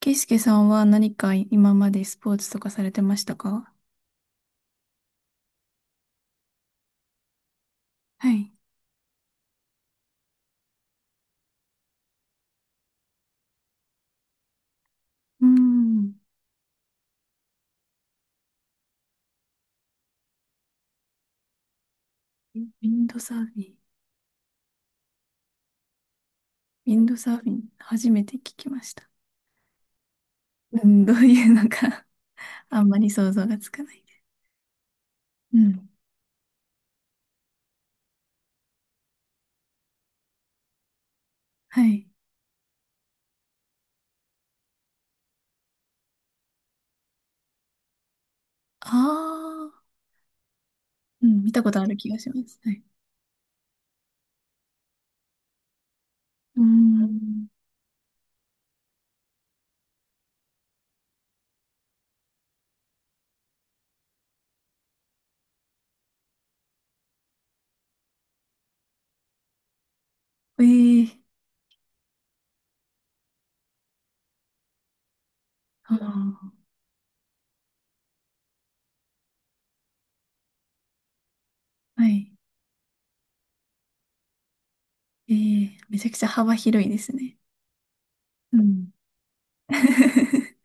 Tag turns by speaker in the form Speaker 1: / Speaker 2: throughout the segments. Speaker 1: ケイスケさんは何か今までスポーツとかされてましたか？はい。うーん。ウィンドサーフィン。ウィンドサーフィン、初めて聞きました。うん、どういうのか あんまり想像がつかないです。うん。はい。ああ、うん、見たことある気がします。はい。うーん。ええ、ああー、はい。ええ、めちゃくちゃ幅広いですね。うん。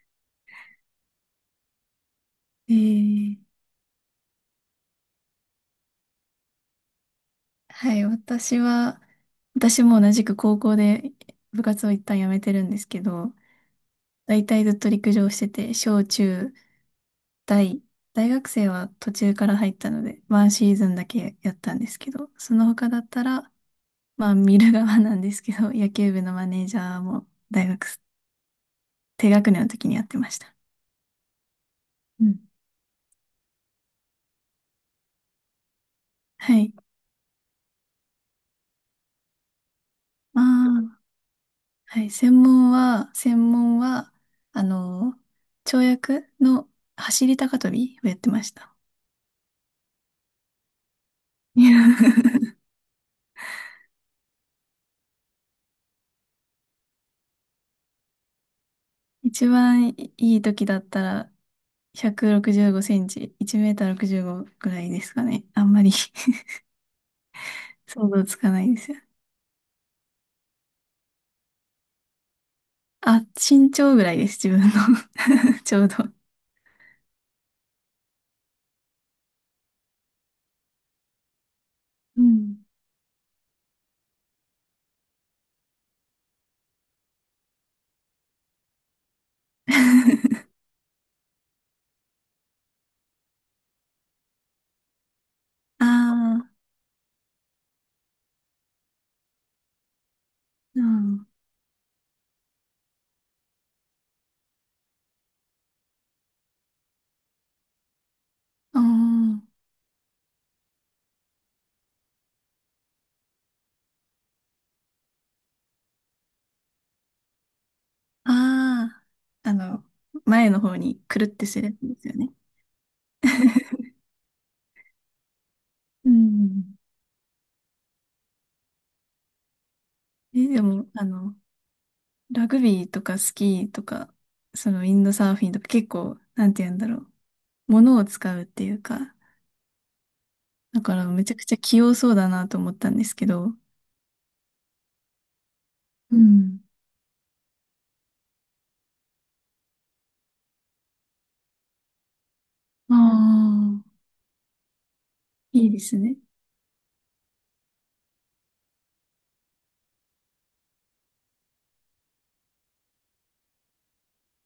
Speaker 1: ええ、はい、私は、私も同じく高校で部活を一旦辞めてるんですけど、大体ずっと陸上してて、小中大、大学生は途中から入ったので、ワンシーズンだけやったんですけど、その他だったら、まあ見る側なんですけど、野球部のマネージャーも大学、低学年の時にやってました。うん、はい。まあ、はい、専門は、あの、跳躍の走り高跳びをやってました。いや 一番いい時だったら165センチ、1メーター65ぐらいですかね。あんまり 想像つかないですよ。あ、身長ぐらいです、自分の ちょうど。うん。ああ、うん。ああー、前の方にくるってするやつですよね。うん。え、でも、ラグビーとかスキーとか、そのウィンドサーフィンとか結構、なんて言うんだろう。物を使うっていうか、だからめちゃくちゃ器用そうだなと思ったんですけど、うん。ああ、いいですね。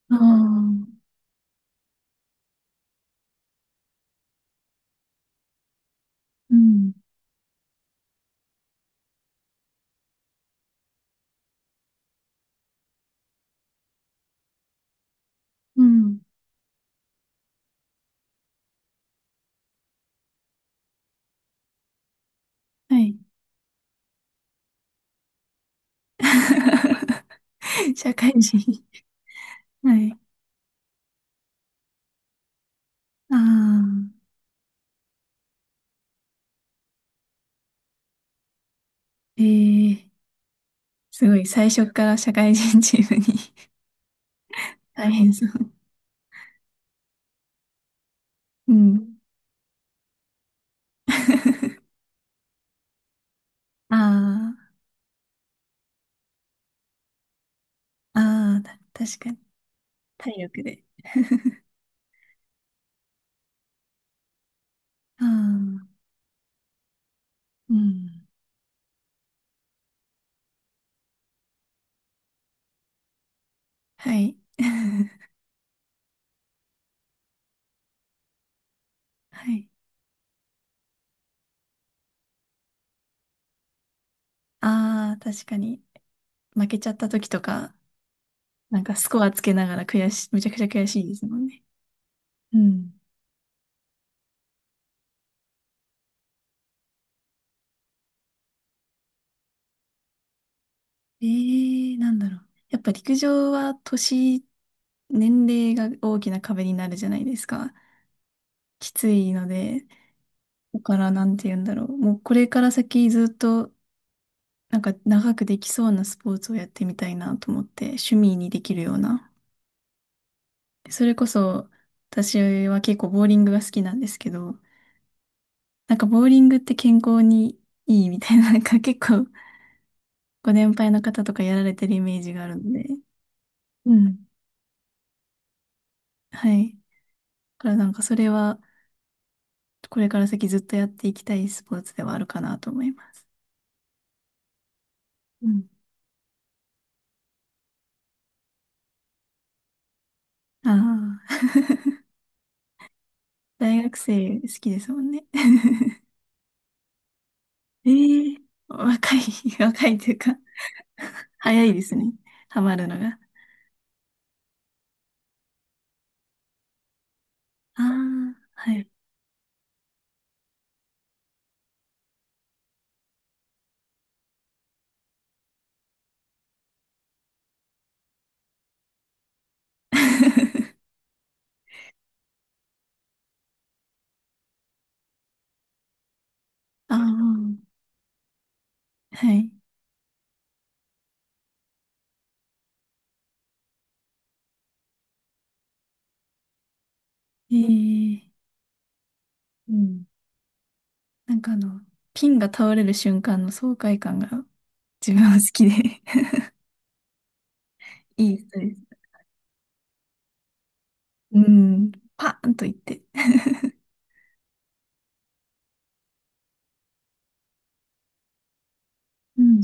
Speaker 1: ああ、うん、うん。はい。社会人。はい。ああ、えー、すごい、最初から社会人チームに 大変そう。うん。ああ、ああ、確かに。体力で。ああ、うん。はい。はい。ああ、確かに。負けちゃった時とか、なんかスコアつけながら悔しい、めちゃくちゃ悔しいですもんね。うん。ええー、なんだろう。やっぱ陸上は年齢が大きな壁になるじゃないですか。きついので、だからなんて言うんだろう。もうこれから先ずっと、なんか長くできそうなスポーツをやってみたいなと思って、趣味にできるような。それこそ、私は結構ボーリングが好きなんですけど、なんかボーリングって健康にいいみたいな、なんか結構ご年配の方とかやられてるイメージがあるので、うん。はい。だからなんかそれはこれから先ずっとやっていきたいスポーツではあるかなと思います。うん。ああ、大学生好きですもんね。えー、若い、若いというか、早いですね。ハマるのが。ああ、はい。ああ、はい。ええ、うん。なんか、ピンが倒れる瞬間の爽快感が自分は好きで いいストレス。うん。パーンといって。うん。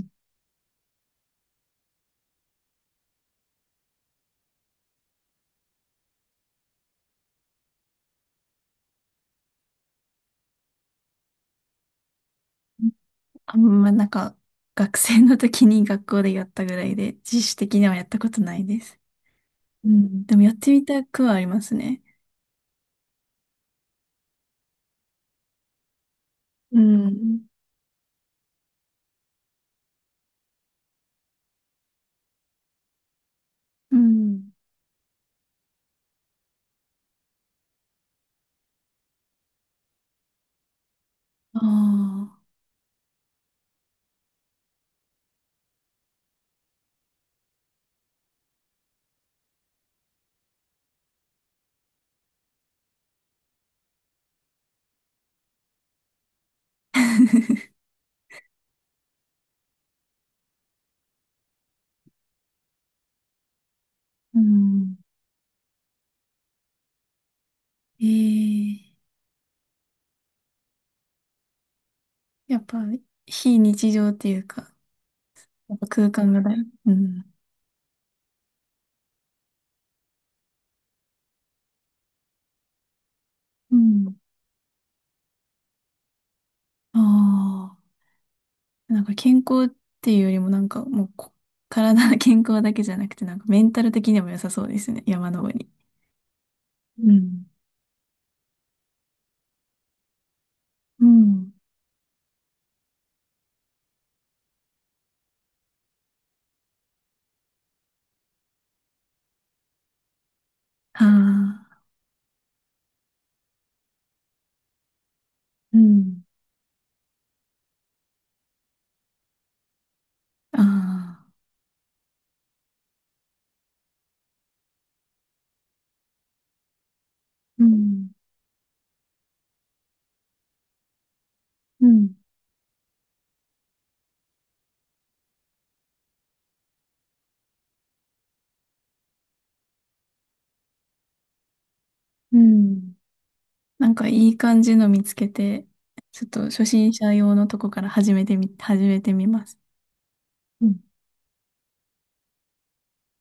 Speaker 1: あんまなんか、学生の時に学校でやったぐらいで、自主的にはやったことないです。うん。でもやってみたくはありますね。うん。うん。ああ。うん。ええ、やっぱ、非日常っていうか、やっぱ空間が大事。うん。うん。ああ。なんか健康っていうよりもなんかもう体の健康だけじゃなくてなんかメンタル的にも良さそうですね。山登り。うん。うん。ああ。うん。ああ。うん。うん。うん、なんかいい感じの見つけて、ちょっと初心者用のとこから始めてみ、始めてみます。うん